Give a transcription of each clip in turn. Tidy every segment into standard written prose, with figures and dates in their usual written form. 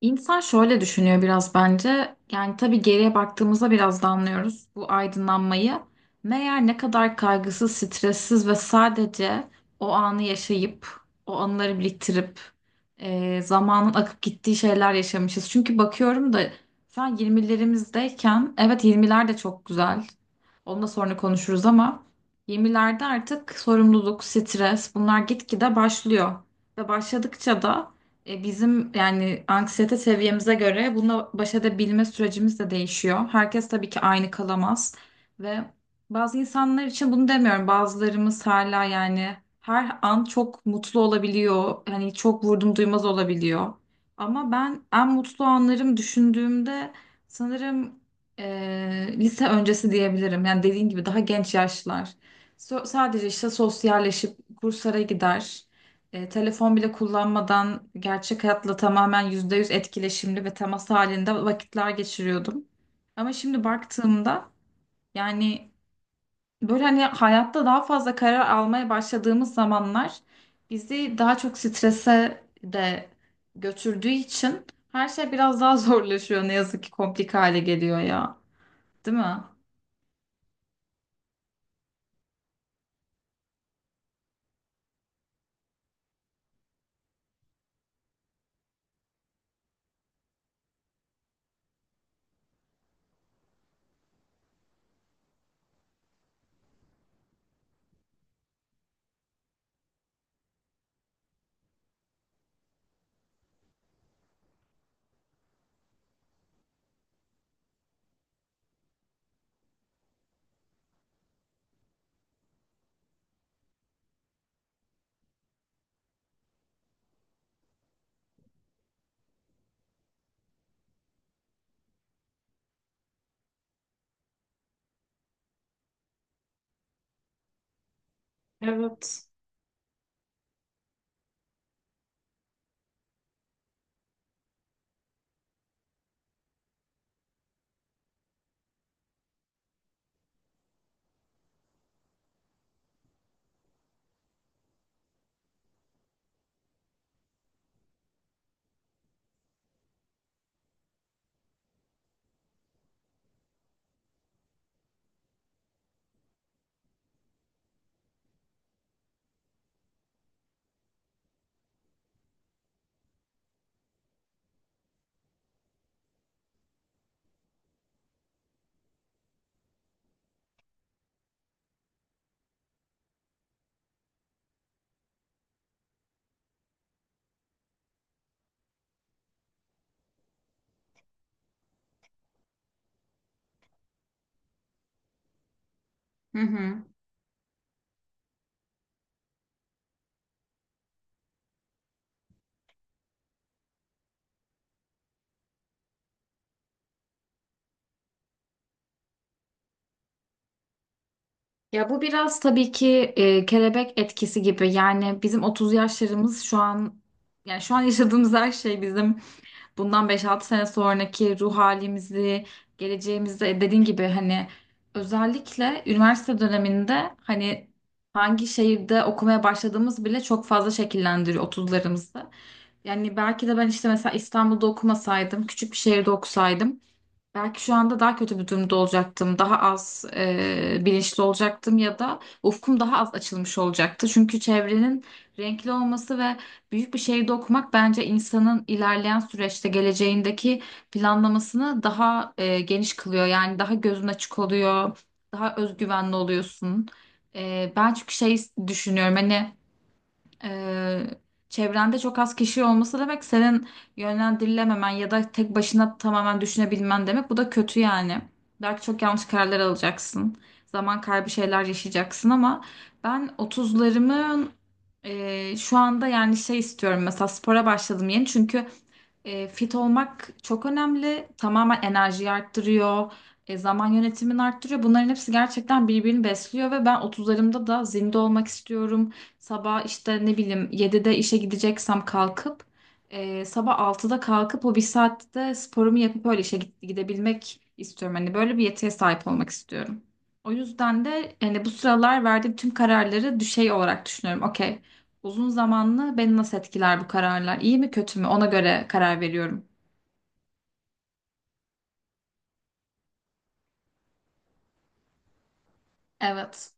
İnsan şöyle düşünüyor biraz bence. Yani tabii geriye baktığımızda biraz da anlıyoruz bu aydınlanmayı. Meğer ne kadar kaygısız, stressiz ve sadece o anı yaşayıp, o anıları biriktirip, zamanın akıp gittiği şeyler yaşamışız. Çünkü bakıyorum da şu an 20'lerimizdeyken, evet 20'ler de çok güzel. Onu da sonra konuşuruz ama 20'lerde artık sorumluluk, stres bunlar gitgide başlıyor. Ve başladıkça da bizim yani anksiyete seviyemize göre bununla baş edebilme sürecimiz de değişiyor. Herkes tabii ki aynı kalamaz ve bazı insanlar için bunu demiyorum. Bazılarımız hala yani her an çok mutlu olabiliyor. Hani çok vurdum duymaz olabiliyor. Ama ben en mutlu anlarım düşündüğümde sanırım lise öncesi diyebilirim. Yani dediğin gibi daha genç yaşlar. Sadece işte sosyalleşip kurslara gider. Telefon bile kullanmadan gerçek hayatla tamamen %100 etkileşimli ve temas halinde vakitler geçiriyordum. Ama şimdi baktığımda yani böyle hani hayatta daha fazla karar almaya başladığımız zamanlar bizi daha çok strese de götürdüğü için her şey biraz daha zorlaşıyor. Ne yazık ki komplik hale geliyor ya, değil mi? Evet. Hı hı. Ya bu biraz tabii ki kelebek etkisi gibi. Yani bizim 30 yaşlarımız şu an yani şu an yaşadığımız her şey bizim bundan beş altı sene sonraki ruh halimizi, geleceğimizi dediğin gibi hani özellikle üniversite döneminde hani hangi şehirde okumaya başladığımız bile çok fazla şekillendiriyor 30'larımızı. Yani belki de ben işte mesela İstanbul'da okumasaydım, küçük bir şehirde okusaydım, belki şu anda daha kötü bir durumda olacaktım. Daha az bilinçli olacaktım ya da ufkum daha az açılmış olacaktı. Çünkü çevrenin renkli olması ve büyük bir şehirde okumak bence insanın ilerleyen süreçte geleceğindeki planlamasını daha geniş kılıyor. Yani daha gözün açık oluyor, daha özgüvenli oluyorsun. Ben çünkü şey düşünüyorum hani ee, çevrende çok az kişi olması demek senin yönlendirilememen ya da tek başına tamamen düşünebilmen demek. Bu da kötü yani. Belki çok yanlış kararlar alacaksın. Zaman kaybı şeyler yaşayacaksın ama ben otuzlarımın şu anda yani şey istiyorum mesela spora başladım yeni çünkü fit olmak çok önemli. Tamamen enerjiyi arttırıyor, zaman yönetimini arttırıyor. Bunların hepsi gerçekten birbirini besliyor ve ben otuzlarımda da zinde olmak istiyorum. Sabah işte ne bileyim 7'de işe gideceksem kalkıp sabah 6'da kalkıp o bir saatte sporumu yapıp öyle işe gidebilmek istiyorum. Hani böyle bir yetiye sahip olmak istiyorum. O yüzden de yani bu sıralar verdiğim tüm kararları düşey olarak düşünüyorum. Okey. Uzun zamanlı beni nasıl etkiler bu kararlar? İyi mi kötü mü? Ona göre karar veriyorum. Evet.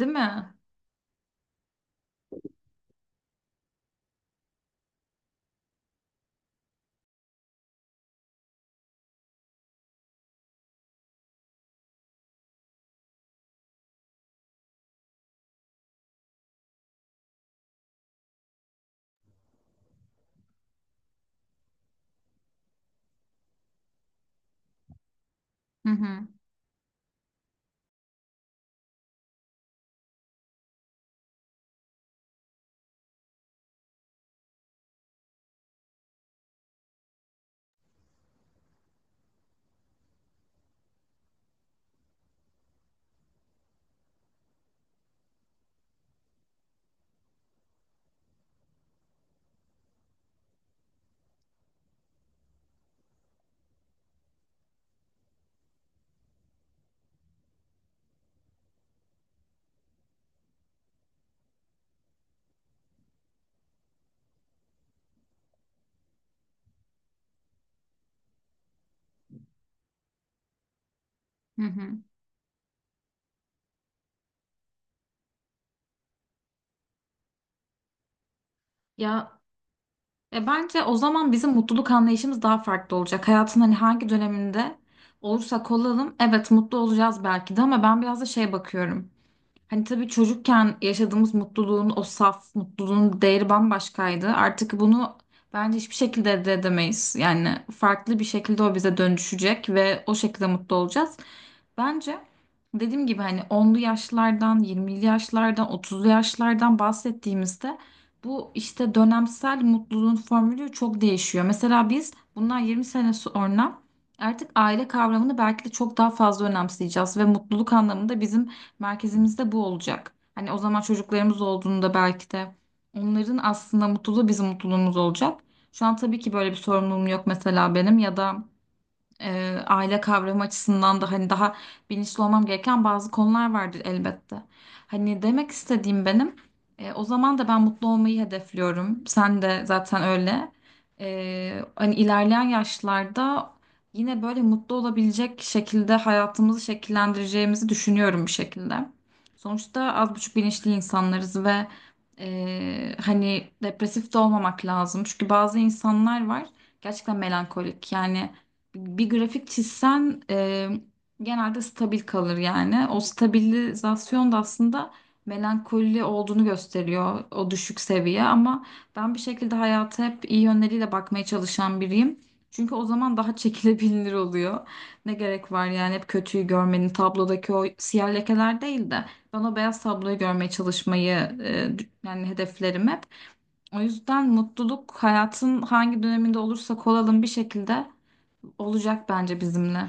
Değil mi? Hı hı. Hı hı. Ya, bence o zaman bizim mutluluk anlayışımız daha farklı olacak. Hayatın hani hangi döneminde olursak olalım evet mutlu olacağız belki de ama ben biraz da şey bakıyorum. Hani tabii çocukken yaşadığımız mutluluğun o saf mutluluğun değeri bambaşkaydı. Artık bunu bence hiçbir şekilde elde edemeyiz. Yani farklı bir şekilde o bize dönüşecek ve o şekilde mutlu olacağız. Bence dediğim gibi hani onlu yaşlardan, 20'li yaşlardan, 30'lu yaşlardan bahsettiğimizde bu işte dönemsel mutluluğun formülü çok değişiyor. Mesela biz bundan 20 sene sonra artık aile kavramını belki de çok daha fazla önemseyeceğiz ve mutluluk anlamında bizim merkezimizde bu olacak. Hani o zaman çocuklarımız olduğunda belki de onların aslında mutluluğu bizim mutluluğumuz olacak. Şu an tabii ki böyle bir sorumluluğum yok mesela benim ya da aile kavramı açısından da hani daha bilinçli olmam gereken bazı konular vardır elbette. Hani demek istediğim benim o zaman da ben mutlu olmayı hedefliyorum. Sen de zaten öyle. Hani ilerleyen yaşlarda yine böyle mutlu olabilecek şekilde hayatımızı şekillendireceğimizi düşünüyorum bir şekilde. Sonuçta az buçuk bilinçli insanlarız ve hani depresif de olmamak lazım. Çünkü bazı insanlar var gerçekten melankolik. Yani bir grafik çizsen genelde stabil kalır yani. O stabilizasyon da aslında melankoli olduğunu gösteriyor o düşük seviye ama ben bir şekilde hayata hep iyi yönleriyle bakmaya çalışan biriyim. Çünkü o zaman daha çekilebilir oluyor. Ne gerek var yani hep kötüyü görmenin tablodaki o siyah lekeler değil de ben o beyaz tabloyu görmeye çalışmayı yani hedeflerim hep. O yüzden mutluluk hayatın hangi döneminde olursak olalım bir şekilde olacak bence bizimle.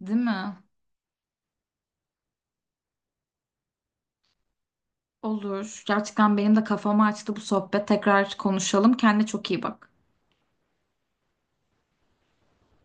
Değil mi? Olur. Gerçekten benim de kafamı açtı bu sohbet. Tekrar konuşalım. Kendine çok iyi bak.